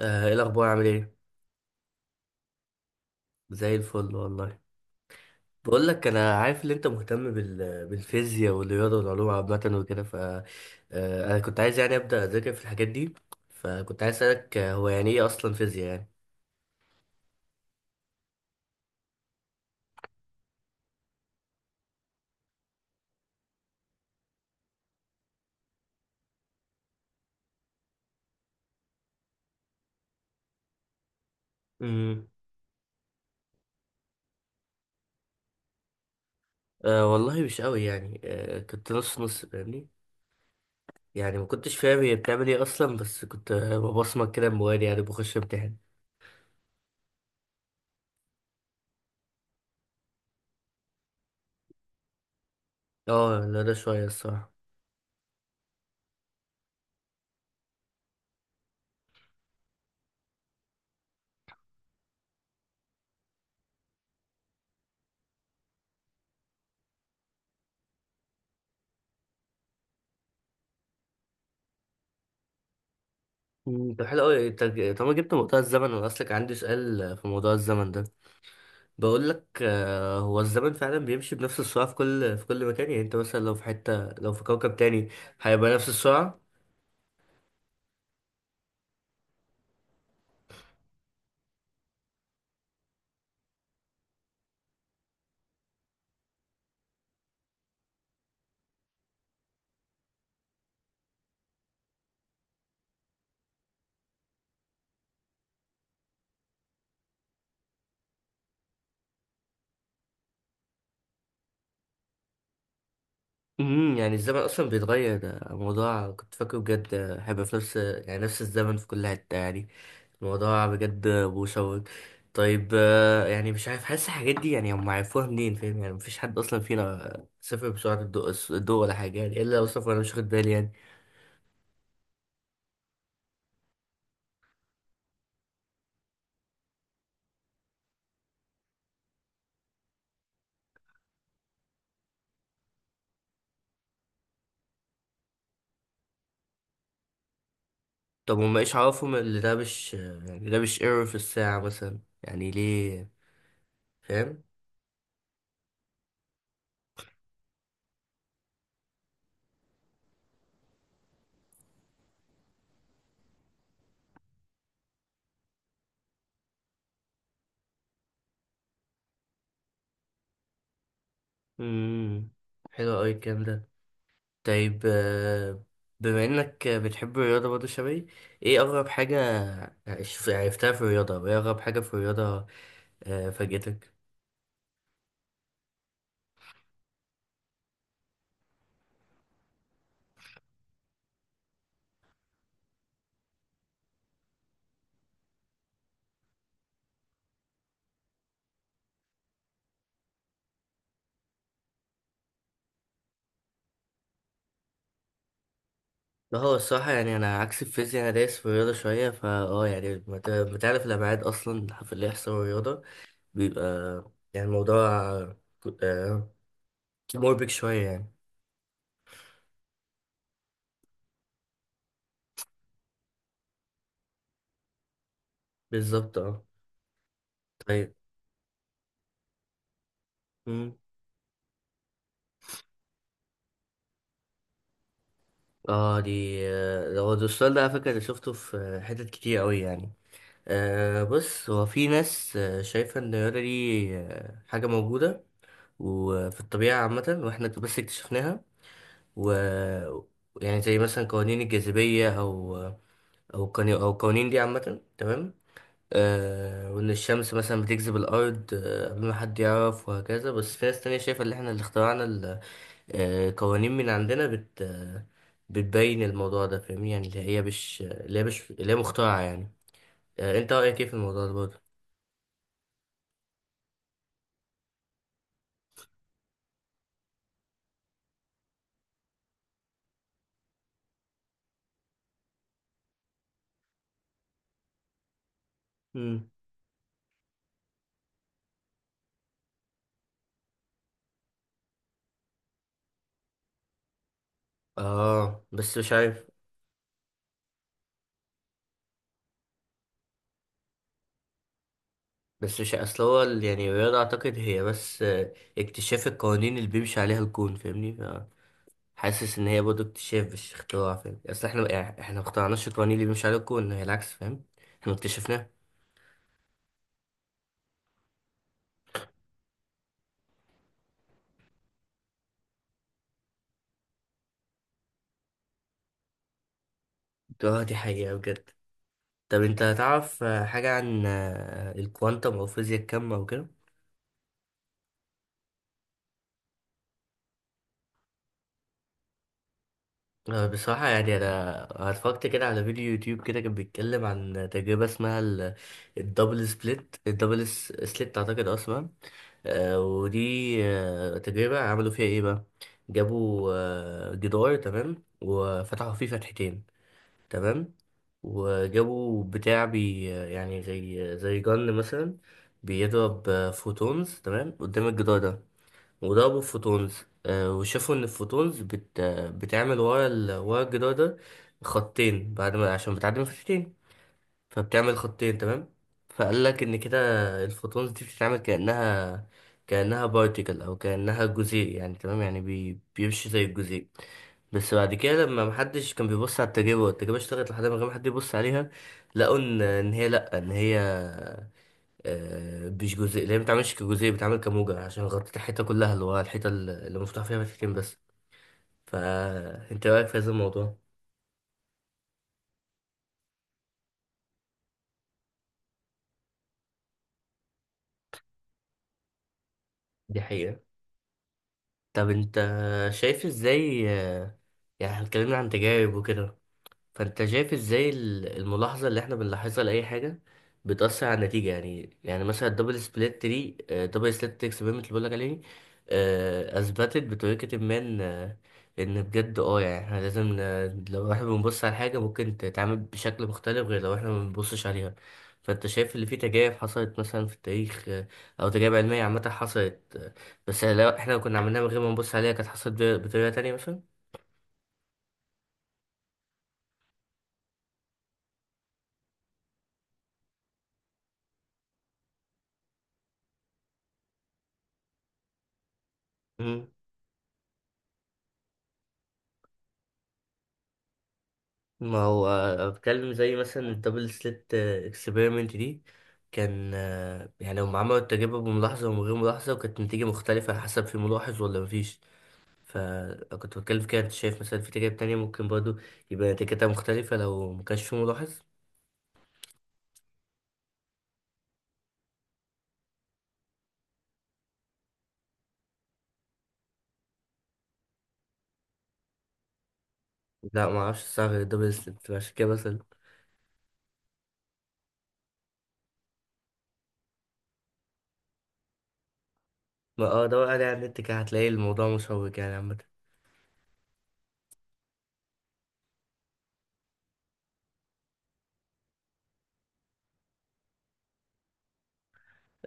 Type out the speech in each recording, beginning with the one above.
ايه الاخبار؟ عامل ايه؟ زي الفل والله. بقول لك، انا عارف ان انت مهتم بالفيزياء والرياضه والعلوم عامه وكده. ف آه، انا كنت عايز يعني ابدا اذاكر في الحاجات دي، فكنت عايز اسالك، هو يعني ايه اصلا فيزياء يعني؟ امم أه والله مش قوي يعني، أه كنت نص نص فاهمني. يعني ما كنتش فاهم هي بتعمل ايه اصلا، بس كنت ببصمك كده موالي، يعني بخش امتحان. اه لا ده شويه الصراحه. طب حلو قوي انت. طب ما جبت موضوع الزمن، انا اصلك عندي سؤال في موضوع الزمن ده. بقول لك، هو الزمن فعلا بيمشي بنفس السرعة في كل في كل مكان؟ يعني انت مثلا لو في حتة، لو في كوكب تاني هيبقى نفس السرعة؟ امم، يعني الزمن اصلا بيتغير؟ ده موضوع كنت فاكره بجد هيبقى في نفس، يعني نفس الزمن في كل حتة يعني. الموضوع بجد مشوق. طيب يعني مش عارف، حاسس الحاجات دي يعني هم عرفوها منين؟ فاهم يعني؟ مفيش حد اصلا فينا سافر بسرعة الضوء ولا حاجة يعني، الا لو سافر انا مش واخد بالي يعني. طب هم ايش عرفهم؟ اللي ده مش يعني ده مش ايرور في الساعة مثلا يعني؟ ليه؟ فاهم؟ امم. حلو أوي الكلام ده. طيب بما إنك بتحب الرياضة برضه شبهي، إيه أغرب حاجة عرفتها في الرياضة؟ وإيه أغرب حاجة في الرياضة؟ فاجئتك؟ لا هو الصراحة يعني، أنا عكس الفيزياء، أنا دايس في الرياضة شوية. فا أه يعني بتعرف الأبعاد أصلا في اللي يحصل في الرياضة بيبقى، يعني الموضوع آه، مربك شوية يعني. بالظبط أه. طيب. مم. اه دي هو ده السؤال ده، على فكرة أنا شفته في حتت كتير أوي يعني. أه بص، هو في ناس شايفة إن الرياضة دي حاجة موجودة وفي الطبيعة عامة، وإحنا بس اكتشفناها. و يعني زي مثلا قوانين الجاذبية، أو أو قوانين، أو القوانين دي عامة، تمام. أه، وإن الشمس مثلا بتجذب الأرض قبل ما حد يعرف، وهكذا. بس في ناس تانية شايفة إن إحنا اللي اخترعنا قوانين من عندنا بت آه، بتبين الموضوع ده، فاهمني؟ يعني اللي هي مش، اللي هي مش، اللي هي مخترعة يعني. أه، أنت رأيك إيه في الموضوع ده برضه؟ اه بس مش عارف، بس مش، اصل هو يعني الرياضة اعتقد هي بس اكتشاف القوانين اللي بيمشي عليها الكون، فاهمني؟ فحاسس ان هي برضه اكتشاف مش اختراع، فاهم؟ اصل احنا، يعني احنا ما اخترعناش القوانين اللي بيمشي عليها الكون، هي العكس، فاهم؟ احنا اكتشفناها. اه دي حقيقة بجد. طب انت هتعرف حاجة عن الكوانتم او فيزياء الكم او كده؟ بصراحة يعني، أنا اتفرجت كده على فيديو يوتيوب، كده كان بيتكلم عن تجربة اسمها الدبل سبليت، الدبل سليت أعتقد أصلا. ودي تجربة عملوا فيها ايه بقى؟ جابوا جدار، تمام، وفتحوا فيه فتحتين، تمام. وجابوا بتاع بي، يعني زي زي جن مثلا بيضرب فوتونز تمام قدام الجدار ده، وضربوا فوتونز. وشافوا ان الفوتونز بت آه، بتعمل ورا ورا الجدار ده خطين، بعد ما، عشان بتعدي من فتحتين، فبتعمل خطين، تمام. فقال لك ان كده الفوتونز دي بتتعمل كانها كانها بارتيكل، او كانها جزيء يعني. تمام، يعني بيمشي زي الجزيء. بس بعد كده لما محدش كان بيبص على التجربه والتجربه اشتغلت لحد ما، غير ما حد يبص عليها، لقوا ان إن هي لا ان هي مش جزيء، اللي هي ما بتتعملش كجزيء، بتتعمل كموجة، عشان غطت الحيطه كلها، اللي هو الحيطه اللي مفتوح فيها فتحتين بس. فانت رايك في هذا الموضوع؟ دي حقيقه. طب انت شايف ازاي يعني اتكلمنا عن تجارب وكده، فانت شايف ازاي الملاحظة اللي احنا بنلاحظها لأي حاجة بتأثر على النتيجة؟ يعني يعني مثلا الدبل سبليت دي، دبل سبليت اكسبيرمنت اللي بقولك عليه، أثبتت بطريقة ما إن إن بجد اه يعني احنا لازم لو احنا بنبص على حاجة ممكن تتعامل بشكل مختلف غير لو احنا ما بنبصش عليها. فانت شايف اللي فيه تجارب حصلت مثلا في التاريخ او تجارب علمية عامة حصلت، بس لو احنا كنا عملناها من غير ما نبص عليها كانت حصلت بطريقة تانية مثلا؟ ما هو بتكلم زي مثلا الدبل سليت اكسبيرمنت دي، كان يعني هم عملوا التجربة بملاحظة ومن غير ملاحظة، وكانت النتيجة مختلفة على حسب في ملاحظ ولا مفيش. فكنت بتكلم في كده، انت شايف مثلا في تجارب تانية ممكن برضو يبقى نتيجتها مختلفة لو مكانش في ملاحظ؟ لا معرفش الصراحة غير الدبل سليت، عشان كده مثلا ما اه دور عليه على النت كده، هتلاقي الموضوع مشوق يعني عامة.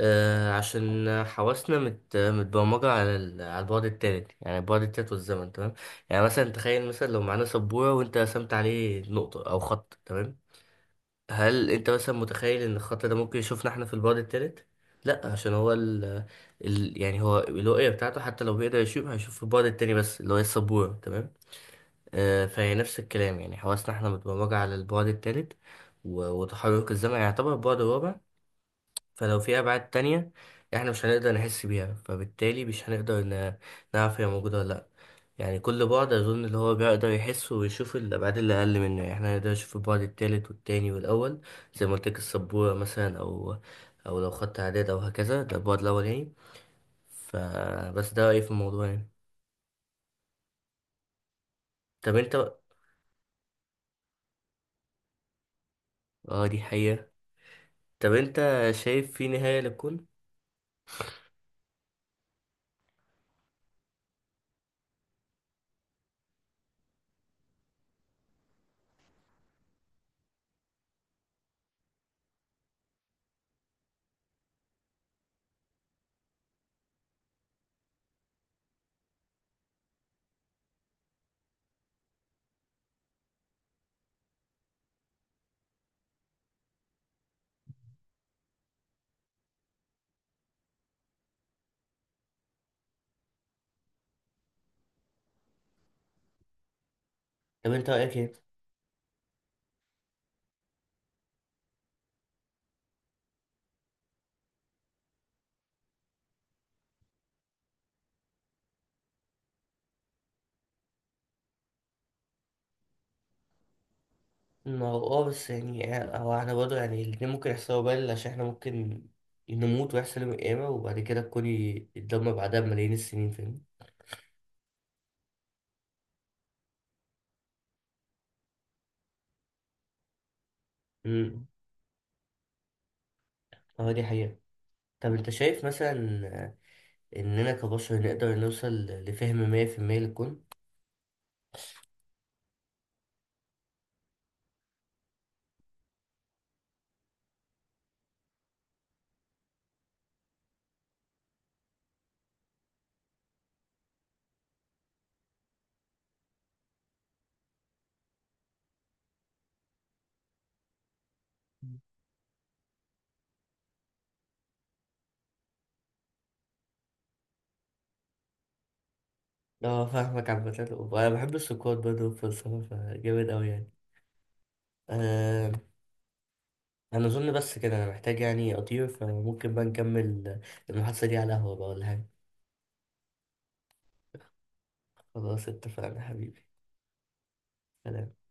عشان حواسنا متبرمجة على على البعد التالت، يعني البعد التالت والزمن، تمام. يعني مثلا تخيل، مثلا لو معانا سبورة وانت رسمت عليه نقطة أو خط، تمام، هل انت مثلا متخيل ان الخط ده ممكن يشوفنا احنا في البعد التالت؟ لا، عشان هو يعني هو الرؤية بتاعته حتى لو بيقدر يشوف هيشوف في البعد التاني بس، اللي هو السبورة، تمام. فهي نفس الكلام، يعني حواسنا احنا متبرمجة على البعد التالت، وتحرك الزمن يعني يعتبر البعد الرابع. فلو في أبعاد تانية احنا مش هنقدر نحس بيها، فبالتالي مش هنقدر نعرف هي موجودة ولا لأ. يعني كل بعد أظن اللي هو بيقدر يحسه ويشوف الأبعاد اللي أقل منه، يعني احنا نقدر نشوف البعد التالت والتاني والأول، زي ما قلت لك السبورة مثلا، أو أو لو خدت إعداد أو هكذا ده البعد الأول يعني. فبس ده رأيي في الموضوع يعني. طب أنت، اه دي حقيقة. طب أنت شايف في نهاية للكون؟ طب أنت رأيك إيه؟ ما هو اه، بس يعني هو احنا برضه يعني الاتنين ممكن يحصلوا بالي، عشان احنا ممكن نموت ويحصل يوم القيامة، وبعد كده الكون يتدمر بعدها بملايين السنين، فاهم؟ امم، اه دي حقيقة. طب انت شايف مثلا اننا كبشر نقدر نوصل لفهم 100% للكون؟ اه فاهمك عامة، وانا بحب السكوت برضه والفلسفة، فجامد اوي يعني. آه انا اظن بس كده انا محتاج يعني اطير، فممكن بقى نكمل المحادثة دي على قهوة بقى ولا حاجة. خلاص اتفقنا حبيبي. سلام.